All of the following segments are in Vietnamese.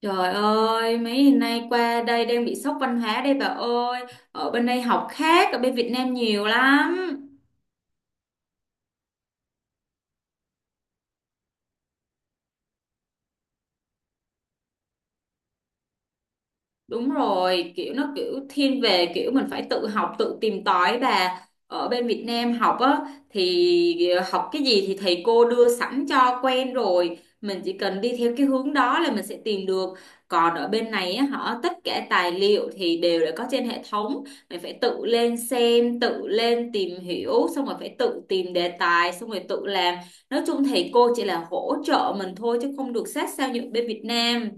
Trời ơi, mấy ngày nay qua đây đang bị sốc văn hóa đây bà ơi. Ở bên đây học khác, ở bên Việt Nam nhiều lắm. Đúng rồi, kiểu nó kiểu thiên về kiểu mình phải tự học, tự tìm tòi bà. Ở bên Việt Nam học á thì học cái gì thì thầy cô đưa sẵn cho quen rồi, mình chỉ cần đi theo cái hướng đó là mình sẽ tìm được. Còn ở bên này á, họ tất cả tài liệu thì đều đã có trên hệ thống, mình phải tự lên xem, tự lên tìm hiểu, xong rồi phải tự tìm đề tài, xong rồi tự làm. Nói chung thầy cô chỉ là hỗ trợ mình thôi chứ không được sát sao như ở bên Việt Nam.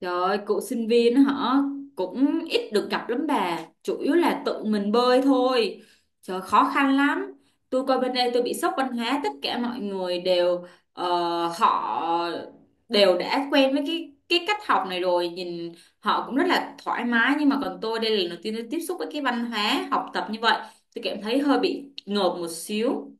Trời ơi, cụ sinh viên hả? Cũng ít được gặp lắm bà. Chủ yếu là tự mình bơi thôi. Trời, khó khăn lắm. Tôi coi bên đây tôi bị sốc văn hóa. Tất cả mọi người đều, ờ, họ đều đã quen với cái cách học này rồi. Nhìn họ cũng rất là thoải mái. Nhưng mà còn tôi đây là lần đầu tiên tôi tiếp xúc với cái văn hóa học tập như vậy. Tôi cảm thấy hơi bị ngợp một xíu.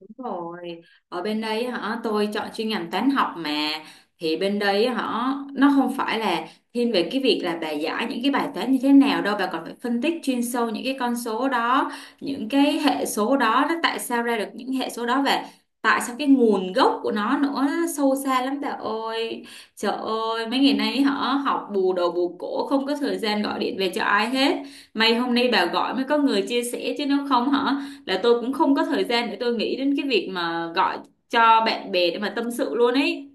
Đúng rồi, ở bên đây hả, tôi chọn chuyên ngành toán học mà, thì bên đây hả, nó không phải là thiên về cái việc là bà giải những cái bài toán như thế nào đâu, bà còn phải phân tích chuyên sâu những cái con số đó, những cái hệ số đó, nó tại sao ra được những hệ số đó, và tại sao cái nguồn gốc của nó nữa, nó sâu xa lắm bà ơi. Trời ơi, mấy ngày nay hả, học bù đầu bù cổ không có thời gian gọi điện về cho ai hết. May hôm nay bà gọi mới có người chia sẻ, chứ nếu không hả, là tôi cũng không có thời gian để tôi nghĩ đến cái việc mà gọi cho bạn bè để mà tâm sự luôn ấy.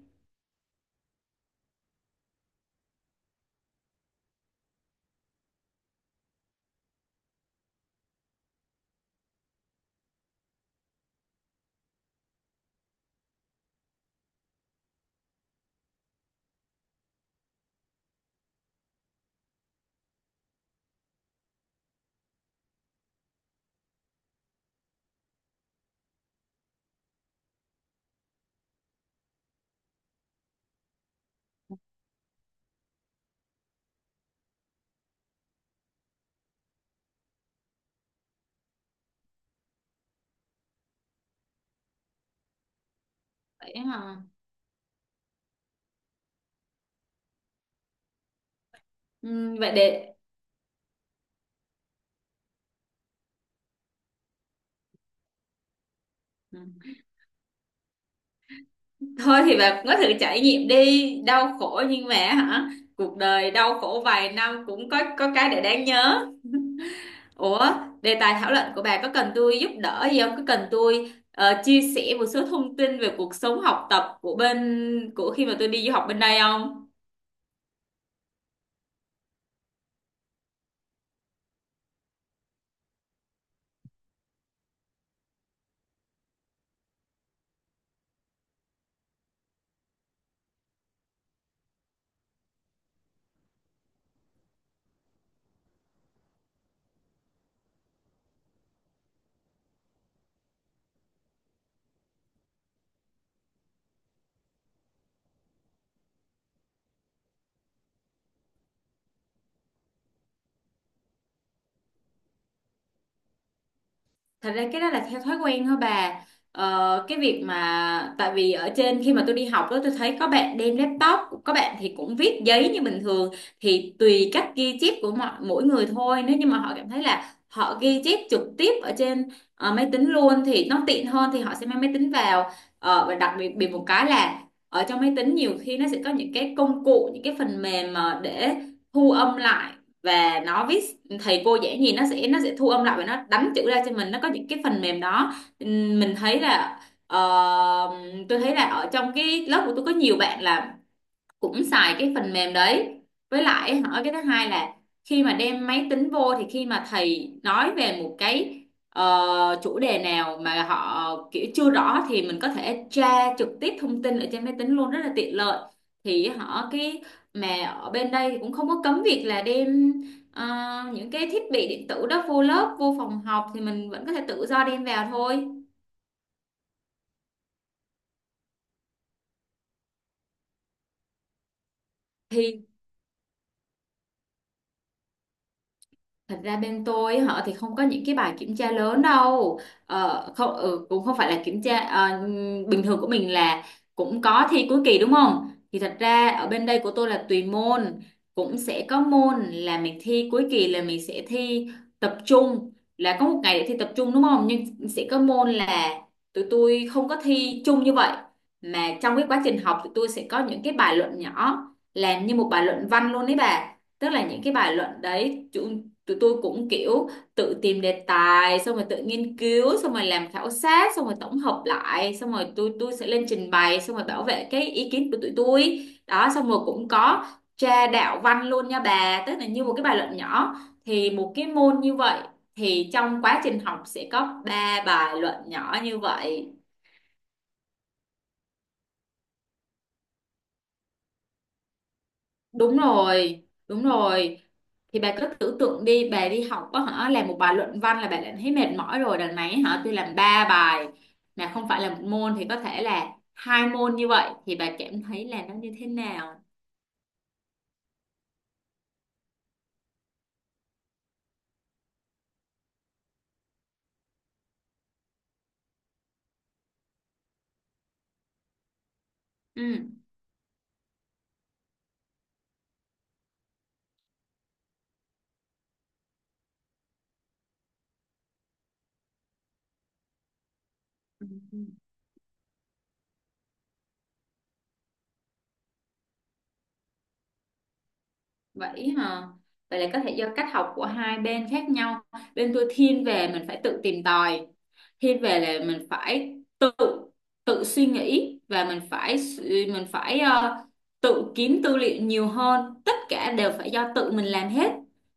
Vậy hả? Ừ, vậy để. Ừ. Thôi thì bà cũng có thử trải nghiệm đi, đau khổ nhưng mà hả, cuộc đời đau khổ vài năm cũng có cái để đáng nhớ. Ủa, đề tài thảo luận của bà có cần tôi giúp đỡ gì không, có cần tôi chia sẻ một số thông tin về cuộc sống học tập của bên của khi mà tôi đi du học bên đây không? Thật ra cái đó là theo thói quen thôi bà. Cái việc mà tại vì ở trên khi mà tôi đi học đó, tôi thấy có bạn đem laptop, có bạn thì cũng viết giấy như bình thường. Thì tùy cách ghi chép của mỗi người thôi. Nếu như mà họ cảm thấy là họ ghi chép trực tiếp ở trên máy tính luôn thì nó tiện hơn thì họ sẽ mang máy tính vào. Ờ, và đặc biệt biệt một cái là ở trong máy tính nhiều khi nó sẽ có những cái công cụ, những cái phần mềm mà để thu âm lại và nó viết thầy cô dễ nhìn, nó sẽ thu âm lại và nó đánh chữ ra cho mình, nó có những cái phần mềm đó. Mình thấy là ờ, tôi thấy là ở trong cái lớp của tôi có nhiều bạn là cũng xài cái phần mềm đấy. Với lại hỏi cái thứ hai là khi mà đem máy tính vô thì khi mà thầy nói về một cái chủ đề nào mà họ kiểu chưa rõ thì mình có thể tra trực tiếp thông tin ở trên máy tính luôn, rất là tiện lợi. Thì họ cái mà ở bên đây thì cũng không có cấm việc là đem ờ, những cái thiết bị điện tử đó vô lớp, vô phòng học, thì mình vẫn có thể tự do đem vào thôi. Thì Thật ra bên tôi họ thì không có những cái bài kiểm tra lớn đâu. Không, cũng không phải là kiểm tra bình thường của mình là cũng có thi cuối kỳ đúng không? Thì thật ra ở bên đây của tôi là tùy môn, cũng sẽ có môn là mình thi cuối kỳ, là mình sẽ thi tập trung, là có một ngày để thi tập trung đúng không, nhưng sẽ có môn là tụi tôi không có thi chung như vậy, mà trong cái quá trình học tụi tôi sẽ có những cái bài luận nhỏ, làm như một bài luận văn luôn đấy bà. Tức là những cái bài luận đấy tụi tôi cũng kiểu tự tìm đề tài, xong rồi tự nghiên cứu, xong rồi làm khảo sát, xong rồi tổng hợp lại, xong rồi tôi sẽ lên trình bày, xong rồi bảo vệ cái ý kiến của tụi tôi đó, xong rồi cũng có tra đạo văn luôn nha bà, tức là như một cái bài luận nhỏ. Thì một cái môn như vậy thì trong quá trình học sẽ có ba bài luận nhỏ như vậy. Đúng rồi, đúng rồi. Thì bà cứ tưởng tượng đi, bà đi học có hả, làm một bài luận văn là bà đã thấy mệt mỏi rồi, đằng này hả, tôi làm ba bài, mà không phải là một môn thì có thể là hai môn như vậy thì bà cảm thấy là nó như thế nào? Ừ. Ừ. Vậy hả? Vậy là có thể do cách học của hai bên khác nhau. Bên tôi thiên về mình phải tự tìm tòi. Thiên về là mình phải tự tự suy nghĩ và mình phải tự kiếm tư liệu nhiều hơn. Tất cả đều phải do tự mình làm hết.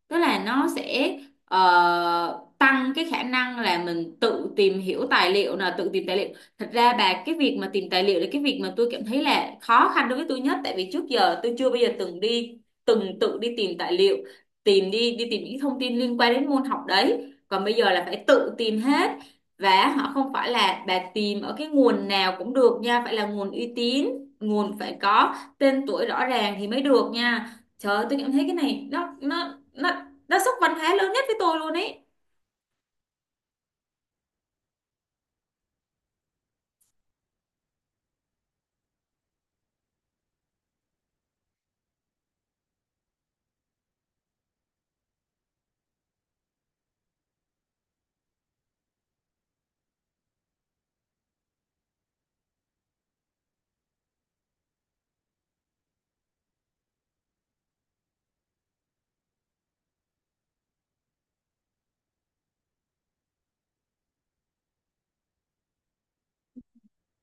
Tức là nó sẽ tăng cái khả năng là mình tự tìm hiểu tài liệu là tự tìm tài liệu. Thật ra bà, cái việc mà tìm tài liệu là cái việc mà tôi cảm thấy là khó khăn đối với tôi nhất, tại vì trước giờ tôi chưa bao giờ từng đi từng tự đi tìm tài liệu, tìm đi đi tìm những thông tin liên quan đến môn học đấy, còn bây giờ là phải tự tìm hết. Và họ không phải là bà tìm ở cái nguồn nào cũng được nha, phải là nguồn uy tín, nguồn phải có tên tuổi rõ ràng thì mới được nha. Trời ơi, tôi cảm thấy cái này nó sốc văn hóa lớn nhất với tôi luôn ấy.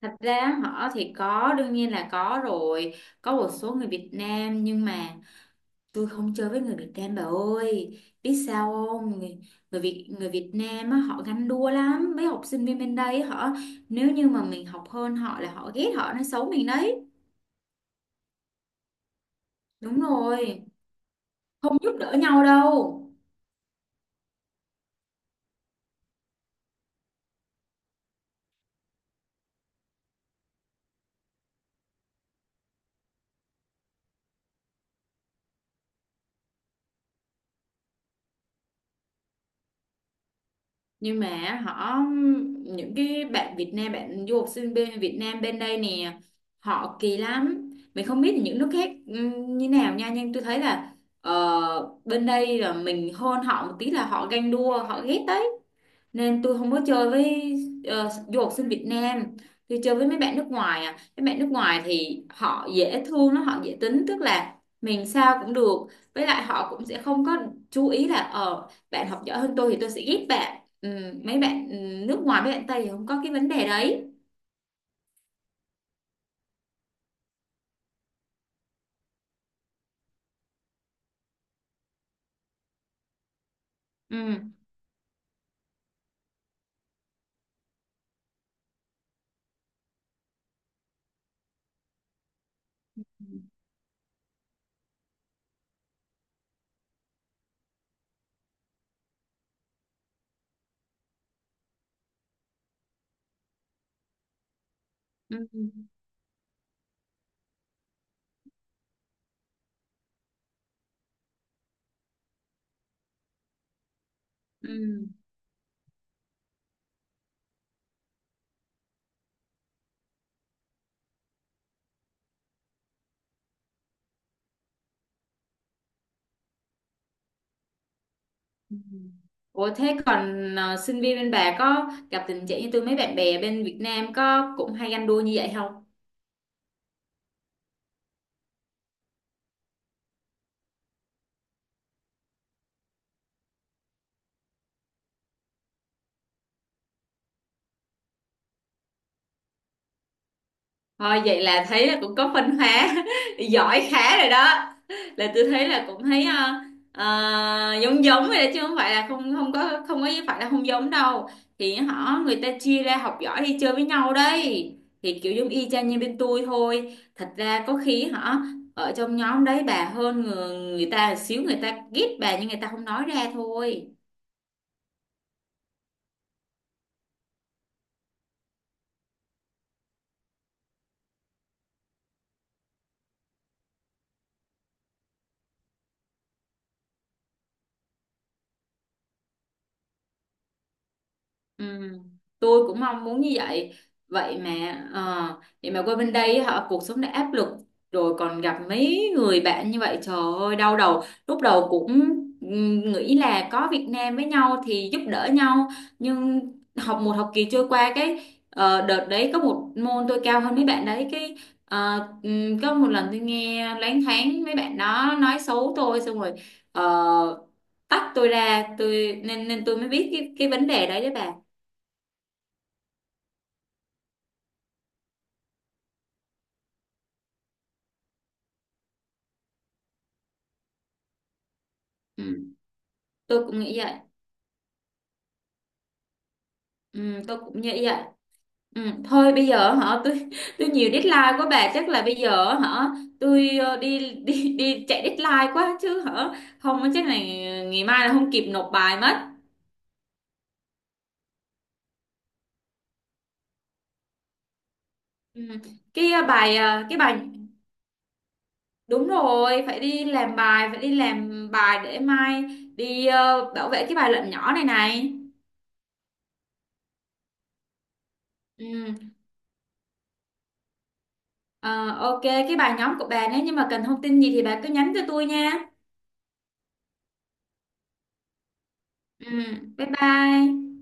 Thật ra họ thì có, đương nhiên là có rồi, có một số người Việt Nam, nhưng mà tôi không chơi với người Việt Nam bà ơi, biết sao không? Người Việt Nam á, họ ganh đua lắm, mấy sinh viên bên đây á, họ, nếu như mà mình học hơn họ là họ ghét, họ nói xấu mình đấy. Đúng rồi, không giúp đỡ nhau đâu. Nhưng mà những cái bạn Việt Nam, bạn du học sinh bên Việt Nam bên đây nè, họ kỳ lắm, mình không biết những nước khác như nào nha, nhưng tôi thấy là ờ, bên đây là mình hơn họ một tí là họ ganh đua, họ ghét đấy, nên tôi không có chơi với du học sinh Việt Nam. Tôi chơi với mấy bạn nước ngoài à, mấy bạn nước ngoài thì họ dễ thương, họ dễ tính, tức là mình sao cũng được, với lại họ cũng sẽ không có chú ý là bạn học giỏi hơn tôi thì tôi sẽ ghét bạn. Ừ, Mấy bạn nước ngoài, mấy bạn Tây thì không có cái vấn đề đấy. Ừ. Ừ. Ừ. Ủa thế còn sinh viên bên bà có gặp tình trạng như tôi, mấy bạn bè bên Việt Nam có cũng hay ganh đua như vậy không? Thôi vậy là thấy là cũng có phân hóa giỏi khá rồi đó, là tôi thấy là cũng thấy giống giống rồi đó, chứ không phải là không không có không có phải là không giống đâu. Thì người ta chia ra học giỏi đi chơi với nhau đấy, thì kiểu giống y chang như bên tôi thôi. Thật ra có khi họ ở trong nhóm đấy bà hơn người ta xíu, người ta ghét bà nhưng người ta không nói ra thôi. Ừ, tôi cũng mong muốn như vậy. Vậy mà ờ, vậy mà qua bên đây cuộc sống đã áp lực rồi còn gặp mấy người bạn như vậy, trời ơi đau đầu, lúc đầu cũng nghĩ là có Việt Nam với nhau thì giúp đỡ nhau, nhưng học một học kỳ trôi qua cái đợt đấy có một môn tôi cao hơn mấy bạn đấy, cái có một lần tôi nghe loáng thoáng mấy bạn đó nói xấu tôi, xong rồi ờ, tách tôi ra, tôi nên nên tôi mới biết cái vấn đề đấy đấy bà. Ừ. Tôi cũng nghĩ vậy. Ừ, tôi cũng nghĩ vậy. Ừ, thôi bây giờ hả, tôi nhiều deadline quá bà, chắc là bây giờ hả tôi đi đi đi chạy deadline quá chứ hả, không chắc là ngày mai là không kịp nộp bài mất. Ừ. cái bài đúng rồi, phải đi làm bài để mai đi bảo vệ cái bài luận nhỏ này này. Ừ. ờ, ok cái bài nhóm của bà nếu như mà cần thông tin gì thì bà cứ nhắn cho tôi nha. Ừ. Bye bye.